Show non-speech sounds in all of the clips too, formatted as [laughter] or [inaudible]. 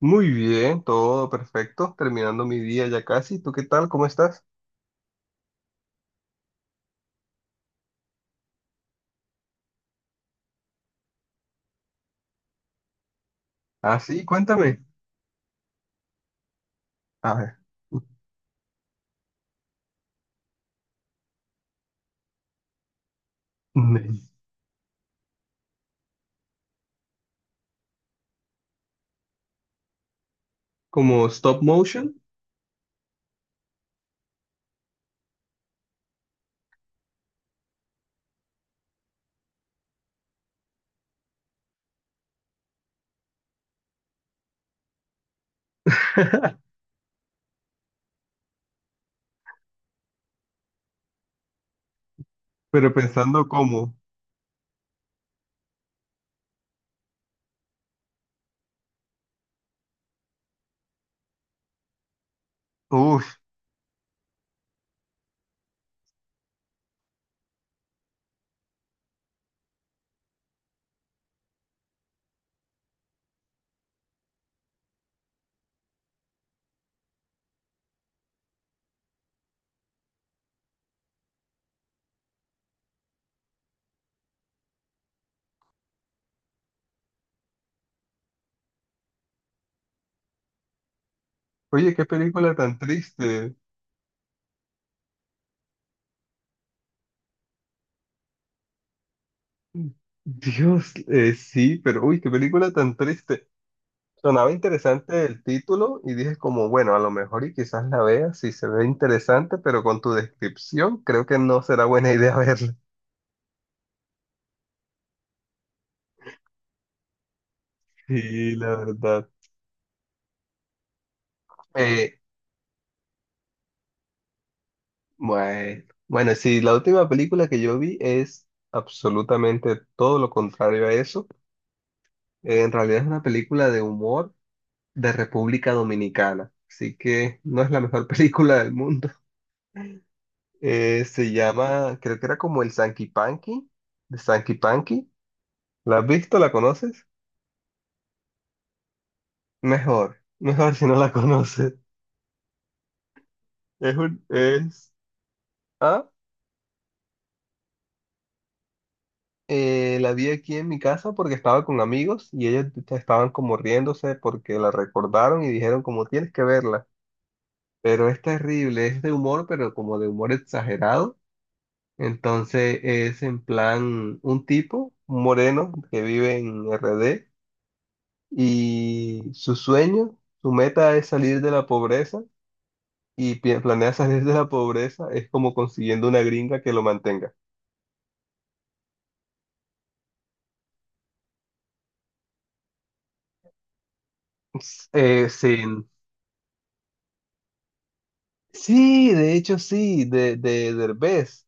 Muy bien, todo perfecto. Terminando mi día ya casi. ¿Tú qué tal? ¿Cómo estás? Ah, sí, cuéntame. A ver. [laughs] Como stop motion, pero pensando cómo. Uf, oye, qué película tan triste. Dios, sí, pero uy, qué película tan triste. Sonaba interesante el título y dije como, bueno, a lo mejor y quizás la vea si se ve interesante, pero con tu descripción creo que no será buena [laughs] idea verla. Sí, la verdad. Eh, Bueno, bueno, sí, la última película que yo vi es absolutamente todo lo contrario a eso. En realidad es una película de humor de República Dominicana, así que no es la mejor [laughs] película del mundo. Se llama, creo que era como el Sanky Panky, de Sanky Panky. ¿La has visto? ¿La conoces? Mejor si no la [laughs] conoces. Es un, es, ¿ah? La vi aquí en mi casa porque estaba con amigos y ellos estaban como riéndose porque la recordaron y dijeron como tienes que verla. Pero es terrible, es de humor, pero como de humor exagerado. Entonces es en plan un tipo, un moreno que vive en R. D. y su sueño, su meta es salir de la pobreza y planea salir de la pobreza es como consiguiendo una gringa que lo mantenga. [laughs] Sin... Sí, de hecho sí, de Derbez.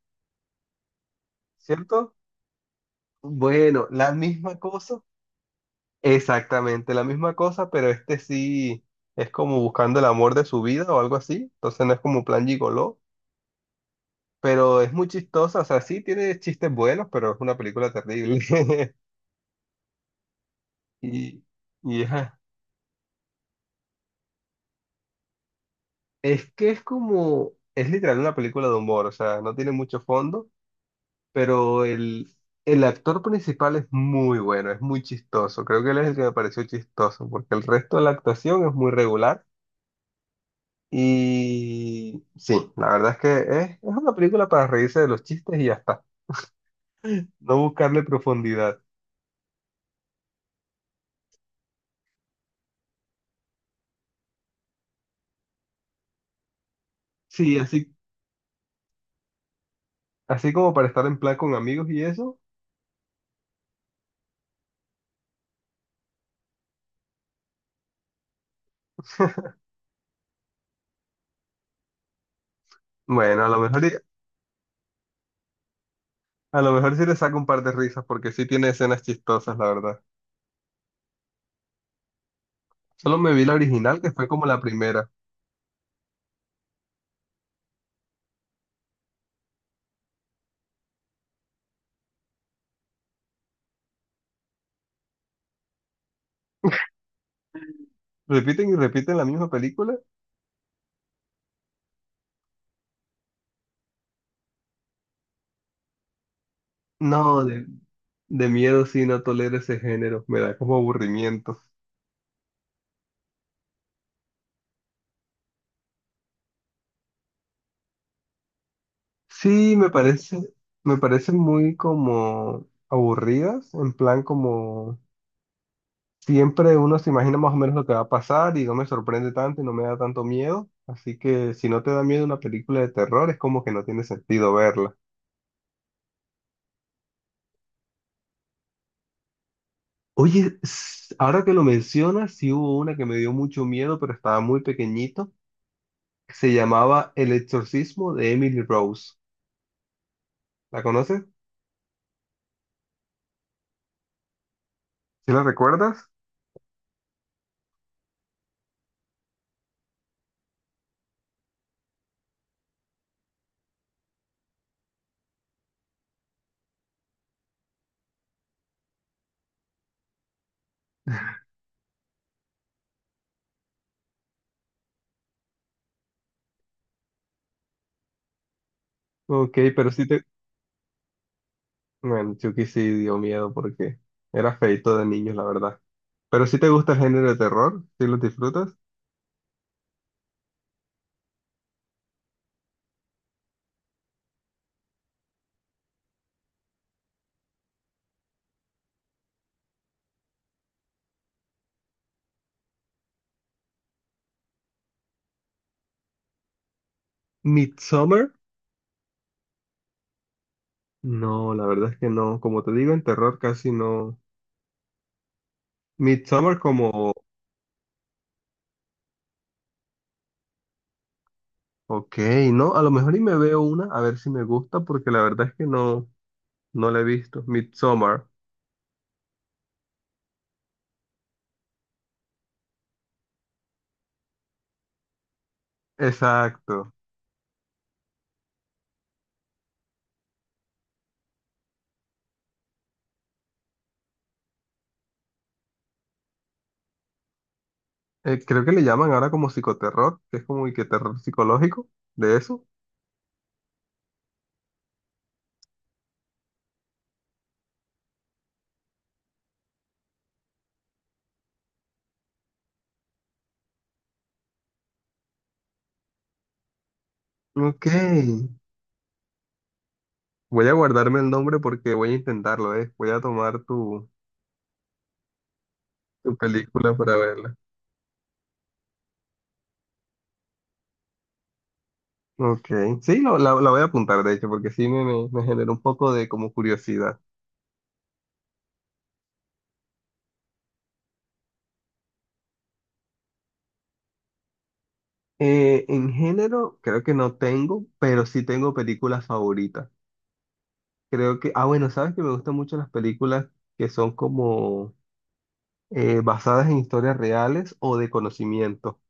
¿Cierto? Bueno, la misma cosa, exactamente la misma cosa, pero este sí es como buscando el amor de su vida o algo así, entonces no es como plan gigoló, pero es muy chistosa, o sea, sí tiene chistes buenos, pero es una película terrible. [laughs] Y, y ajá, es que es como, es literal una película de humor, o sea, no tiene mucho fondo, pero el actor principal es muy bueno, es muy chistoso, creo que él es el que me pareció chistoso, porque el resto de la actuación es muy regular. Y sí, la verdad es que es una película para reírse de los chistes y ya está. No buscarle profundidad. Sí, así, así como para estar en plan con amigos y eso. Bueno, a lo mejor, y- a lo mejor sí le saco un par de risas porque sí tiene escenas chistosas, la verdad. Solo me vi la original, que fue como la primera. ¿Repiten y repiten la misma película? No, de miedo sí no tolero ese género. Me da como aburrimiento. Sí, me parece, me parecen muy como aburridas, en plan como siempre uno se imagina más o menos lo que va a pasar y no me sorprende tanto y no me da tanto miedo. Así que si no te da miedo una película de terror, es como que no tiene sentido verla. Oye, ahora que lo mencionas, sí hubo una que me dio mucho miedo, pero estaba muy pequeñito. Se llamaba El exorcismo de Emily Rose. ¿La conoces? ¿Sí la recuerdas? Ok, pero sí te... Bueno, Chucky sí dio miedo porque era feito de niños, la verdad. Pero sí te gusta el género de terror, sí lo disfrutas. Midsommar. No, la verdad es que no. Como te digo, en terror casi no. Midsommar como, ok, no, a lo mejor y me veo una, a ver si me gusta, porque la verdad es que no, no la he visto. Midsommar, exacto. Creo que le llaman ahora como psicoterror, que es como y que terror psicológico, de eso. Ok, voy a guardarme el nombre porque voy a intentarlo, eh. Voy a tomar tu, tu película para verla. Ok, sí, lo- la voy a apuntar, de hecho, porque sí me, me me generó un poco de como curiosidad. En género, creo que no tengo, pero sí tengo películas favoritas. Creo que, ah, bueno, sabes que me gustan mucho las películas que son como basadas en historias reales o de conocimiento.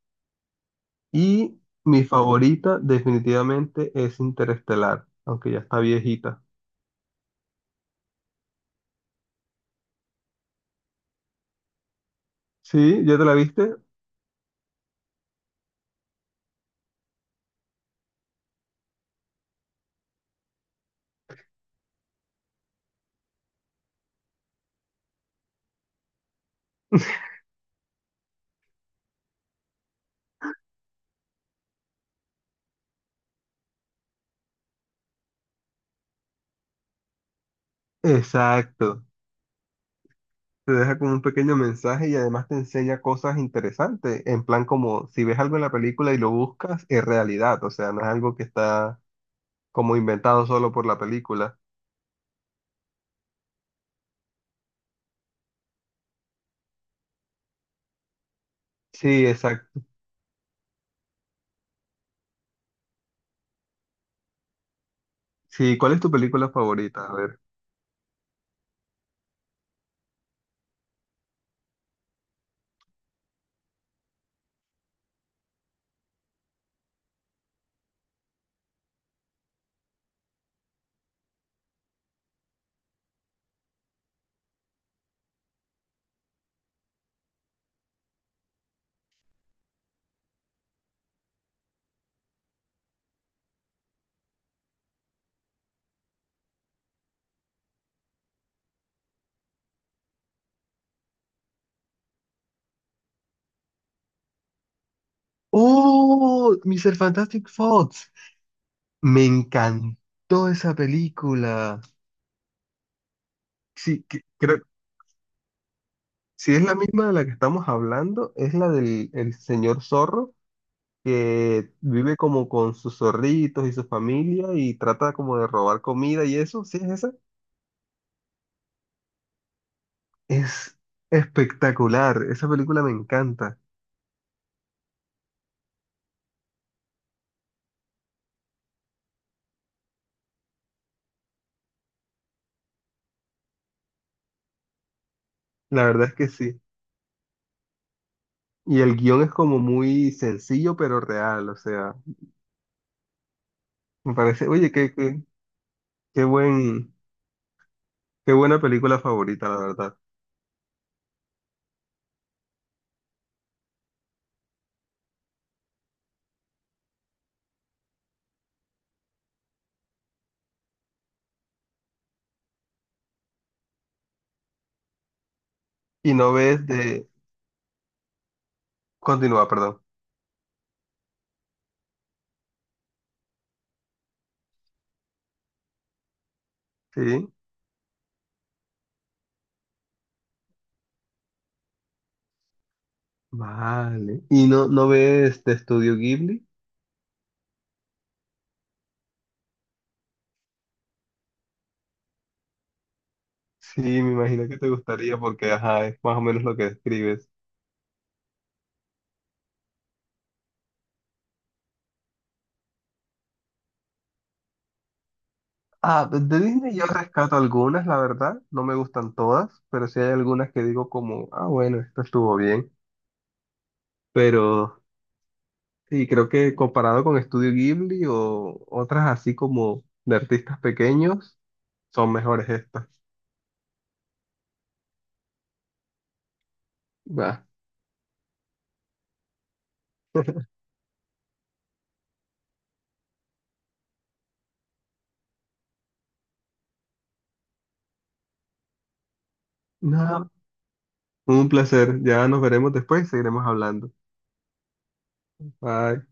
Y mi favorita definitivamente es Interestelar, aunque ya está viejita. Sí, ¿ya te la viste? Exacto. Te deja como un pequeño mensaje y además te enseña cosas interesantes, en plan como si ves algo en la película y lo buscas, es realidad, o sea, no es algo que está como inventado solo por la película. Sí, exacto. Sí, ¿cuál es tu película favorita? A ver. ¡Oh! Mr. Fantastic Fox. Me encantó esa película. Sí, que- creo, si es la misma de la que estamos hablando, es la del el señor zorro que vive como con sus zorritos y su familia y trata como de robar comida y eso. ¿Sí es esa? Es espectacular. Esa película me encanta. La verdad es que sí. Y el guión es como muy sencillo pero real, o sea, me parece, oye, qué, qué, qué buen, qué buena película favorita, la verdad. Y no ves de... Continúa, perdón. Sí, vale. ¿Y no, no ves de Estudio Ghibli? Sí, me imagino que te gustaría porque, ajá, es más o menos lo que describes. Ah, de Disney yo rescato algunas, la verdad, no me gustan todas, pero sí hay algunas que digo como, ah, bueno, esto estuvo bien. Pero sí, creo que comparado con Estudio Ghibli o otras así como de artistas pequeños, son mejores estas. Va. No. Un placer. Ya nos veremos después y seguiremos hablando. Bye.